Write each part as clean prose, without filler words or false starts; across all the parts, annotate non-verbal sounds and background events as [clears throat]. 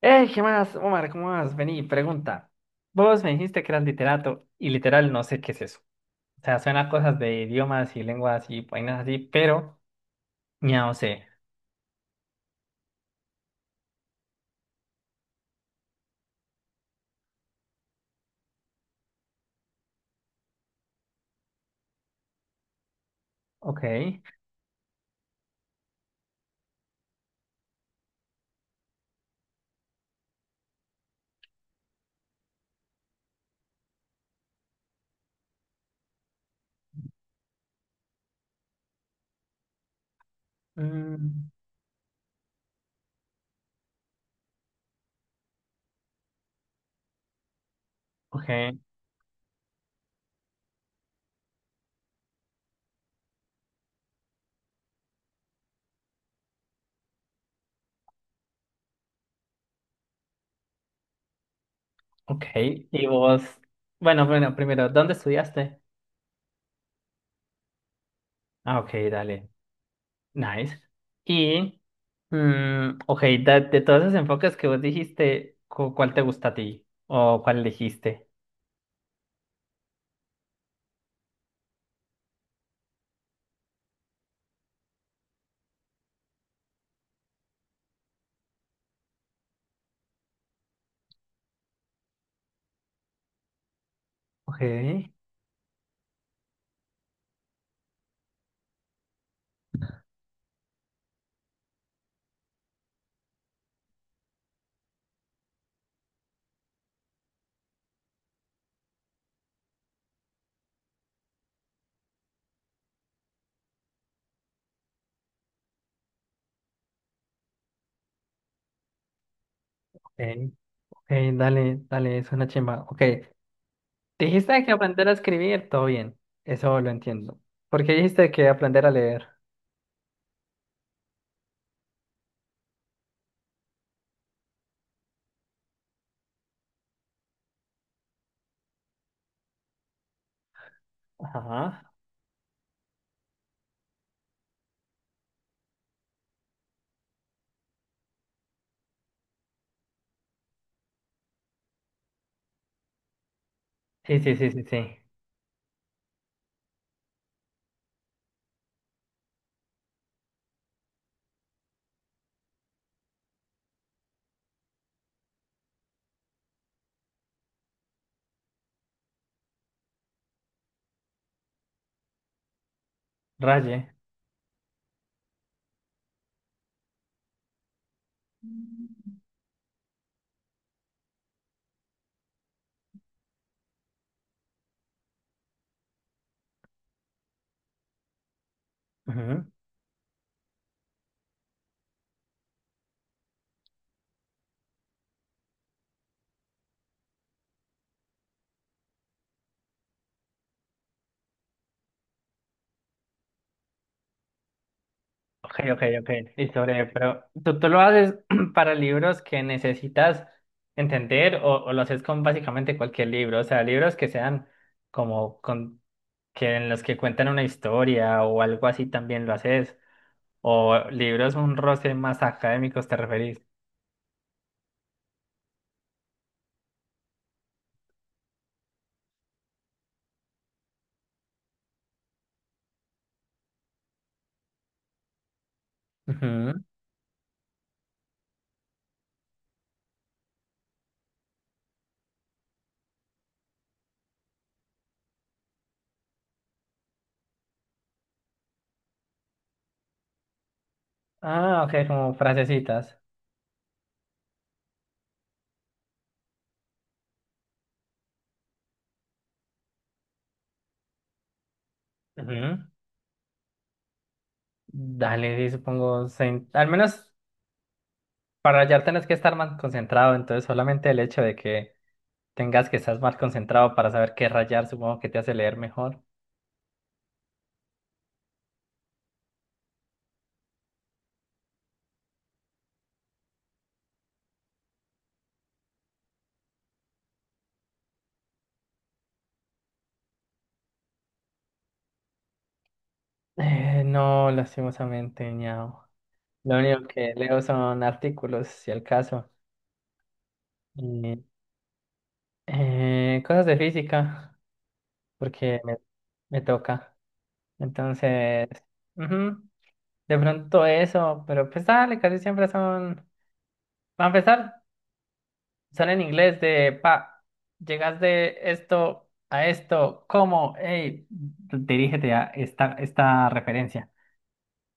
¿Qué más, Omar? ¿Cómo vas? Vení, pregunta. Vos me dijiste que eras literato y literal no sé qué es eso. O sea, suena a cosas de idiomas y lenguas y vainas así, pero ya no sé. Ok. Mm, ok, ok. Y vos, bueno, primero, ¿dónde estudiaste? Ah, ok, dale. Nice. Y, mm, ok, de todos esos enfoques que vos dijiste, ¿cuál te gusta a ti? ¿O cuál elegiste? Ok, ok, ok, dale, dale, suena chimba. Ok, dijiste que aprender a escribir, todo bien, eso lo entiendo. ¿Por qué dijiste que aprender a leer? Ajá. Sí, sí, sí, sí, sí. Raye. Ujú. Ok, ok, ok. Listo, breve. Pero ¿tú, tú lo haces [clears throat] para libros que necesitas entender o lo haces con básicamente cualquier libro? O sea, libros que sean como con, que en los que cuentan una historia o algo así también lo haces. O libros un roce más académicos, ¿te referís? Ujú. Ah, ok, como frasecitas. Ujú. Dale, sí, supongo, al menos para hallar tenés que estar más concentrado, entonces solamente el hecho de que tengas que estar más concentrado para saber qué rayar, supongo que te hace leer mejor. No, lastimosamente, ñao. Lo único que leo son artículos, si el caso, y cosas de física, porque me toca. Entonces, ujú, de pronto eso, pero pues dale, casi siempre son... Para empezar. Son en inglés de, pa, llegas de esto a esto, ¿cómo? Hey, dirígete a esta referencia.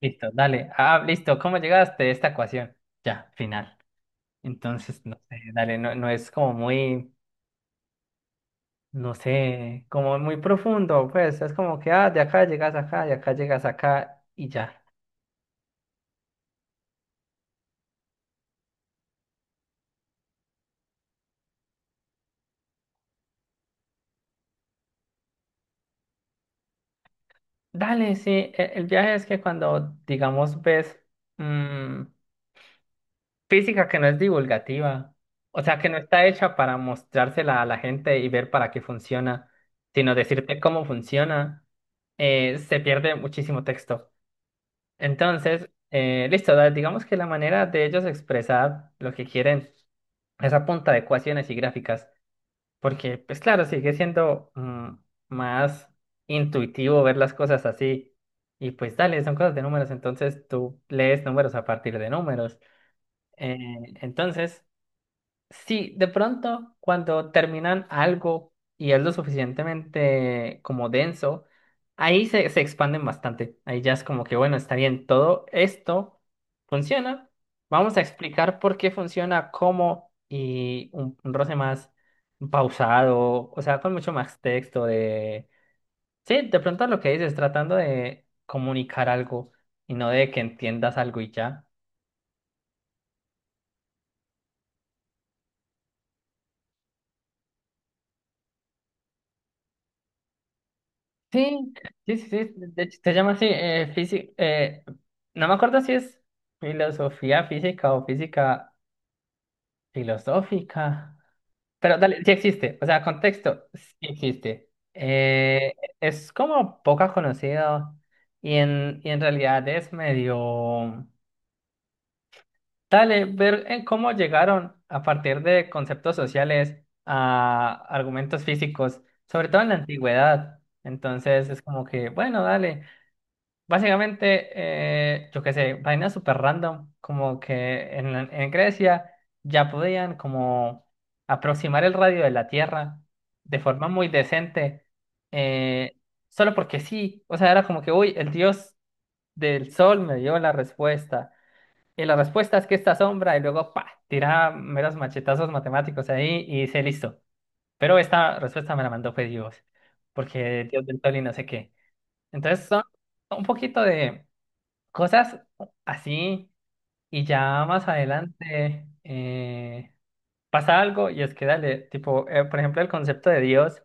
Listo, dale. Ah, listo, ¿cómo llegaste a esta ecuación? Ya, final. Entonces, no sé, dale, no, no es como muy, no sé, como muy profundo, pues es como que, ah, de acá llegas acá, de acá llegas acá y ya. Dale, sí, el viaje es que cuando, digamos, ves... mm, física que no es divulgativa, o sea, que no está hecha para mostrársela a la gente y ver para qué funciona, sino decirte cómo funciona, se pierde muchísimo texto. Entonces, listo, digamos que la manera de ellos expresar lo que quieren es a punta de ecuaciones y gráficas, porque, pues claro, sigue siendo más intuitivo ver las cosas así. Y pues dale, son cosas de números, entonces tú lees números a partir de números. Eh, entonces... Sí, de pronto cuando terminan algo y es lo suficientemente como denso, ahí se expanden bastante. Ahí ya es como que, bueno, está bien, todo esto funciona. Vamos a explicar por qué funciona, cómo y un roce más pausado, o sea, con mucho más texto de... Sí, de pronto lo que dices, tratando de comunicar algo y no de que entiendas algo y ya. Sí, sí, sí, sí, de hecho se llama así, física, no me acuerdo si es filosofía física o física filosófica, pero dale, sí existe, o sea, contexto, sí existe. Es como poco conocido y en realidad es medio, dale, ver en cómo llegaron a partir de conceptos sociales a argumentos físicos, sobre todo en la antigüedad. Entonces es como que, bueno, dale. Básicamente, yo qué sé, vainas súper random, como que en Grecia ya podían como aproximar el radio de la Tierra de forma muy decente, eh, solo porque sí, o sea, era como que, uy, el dios del sol me dio la respuesta, y la respuesta es que esta sombra, y luego, pa, tiraba meros machetazos matemáticos ahí y dice, listo, pero esta respuesta me la mandó fue Dios, porque Dios del sol y no sé qué. Entonces son un poquito de... Cosas así y ya más adelante pasa algo y es que dale, tipo, por ejemplo, el concepto de Dios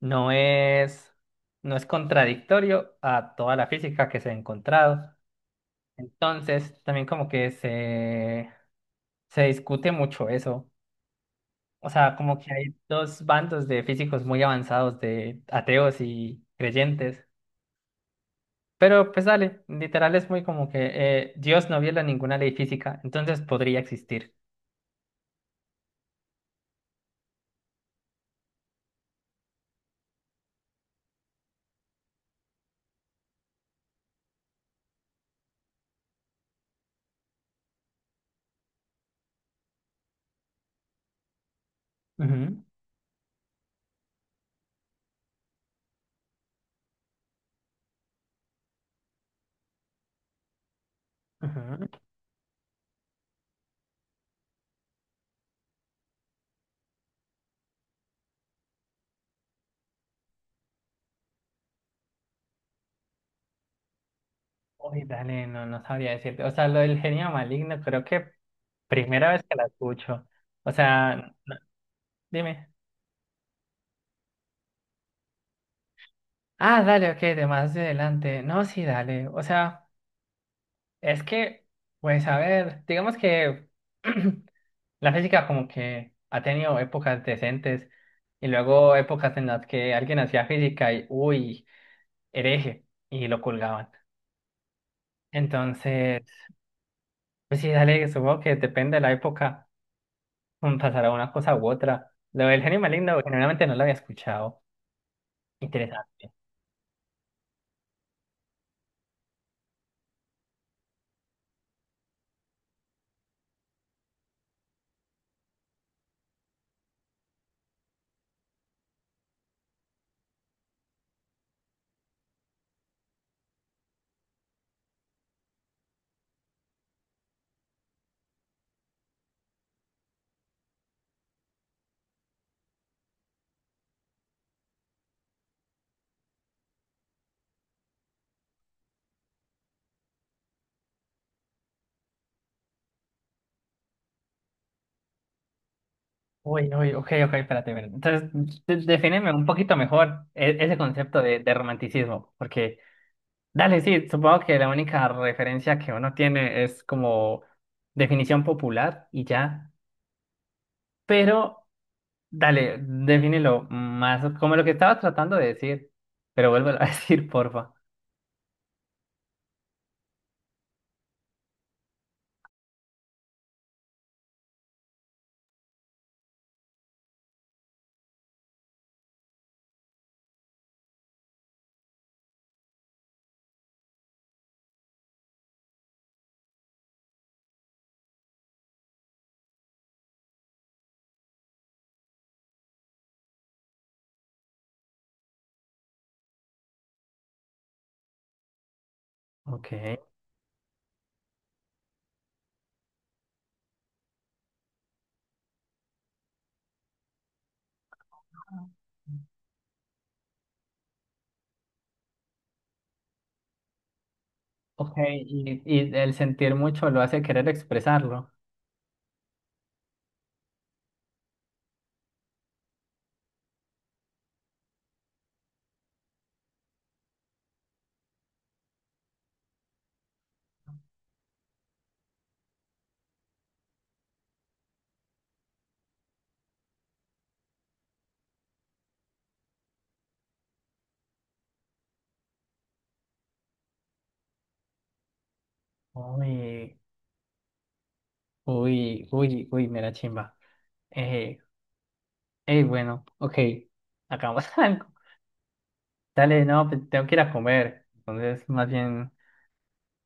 no es, no es contradictorio a toda la física que se ha encontrado. Entonces, también como que se discute mucho eso. O sea, como que hay dos bandos de físicos muy avanzados, de ateos y creyentes. Pero pues dale, literal es muy como que Dios no viola ninguna ley física, entonces podría existir. Ujú, ujú. Uy, dale, no, no sabría decirte. O sea, lo del genio maligno, creo que primera vez que la escucho. O sea, dime. Ah, dale, ok, de más de adelante. No, sí, dale. O sea, es que, pues a ver, digamos que [clears throat] la física como que ha tenido épocas decentes y luego épocas en las que alguien hacía física y, uy, hereje y lo colgaban. Entonces, pues sí, dale, supongo que depende de la época, mm, pasará una cosa u otra. Lo del genio maligno, generalmente no lo había escuchado. Interesante. Uy, uy, ok, ok, espérate. Espérate. Entonces, defíneme un poquito mejor ese concepto de romanticismo, porque, dale, sí, supongo que la única referencia que uno tiene es como definición popular y ya, pero, dale, defínelo más como lo que estaba tratando de decir, pero vuélvelo [laughs] a decir, porfa. Ok, ok, y el sentir mucho lo hace querer expresarlo. Uy, uy, uy, uy, mera chimba. Eh, bueno, ok, hagamos [laughs] algo. Dale, no, pues tengo que ir a comer. Entonces, más bien,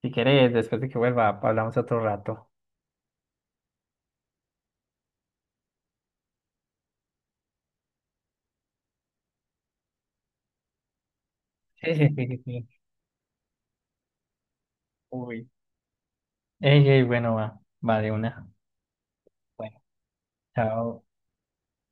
si querés, después de que vuelva, hablamos otro rato. [laughs] Sí, sí, sí, sí, sí. Uy. Ey, ey, bueno, va, va de una. Bueno, chao.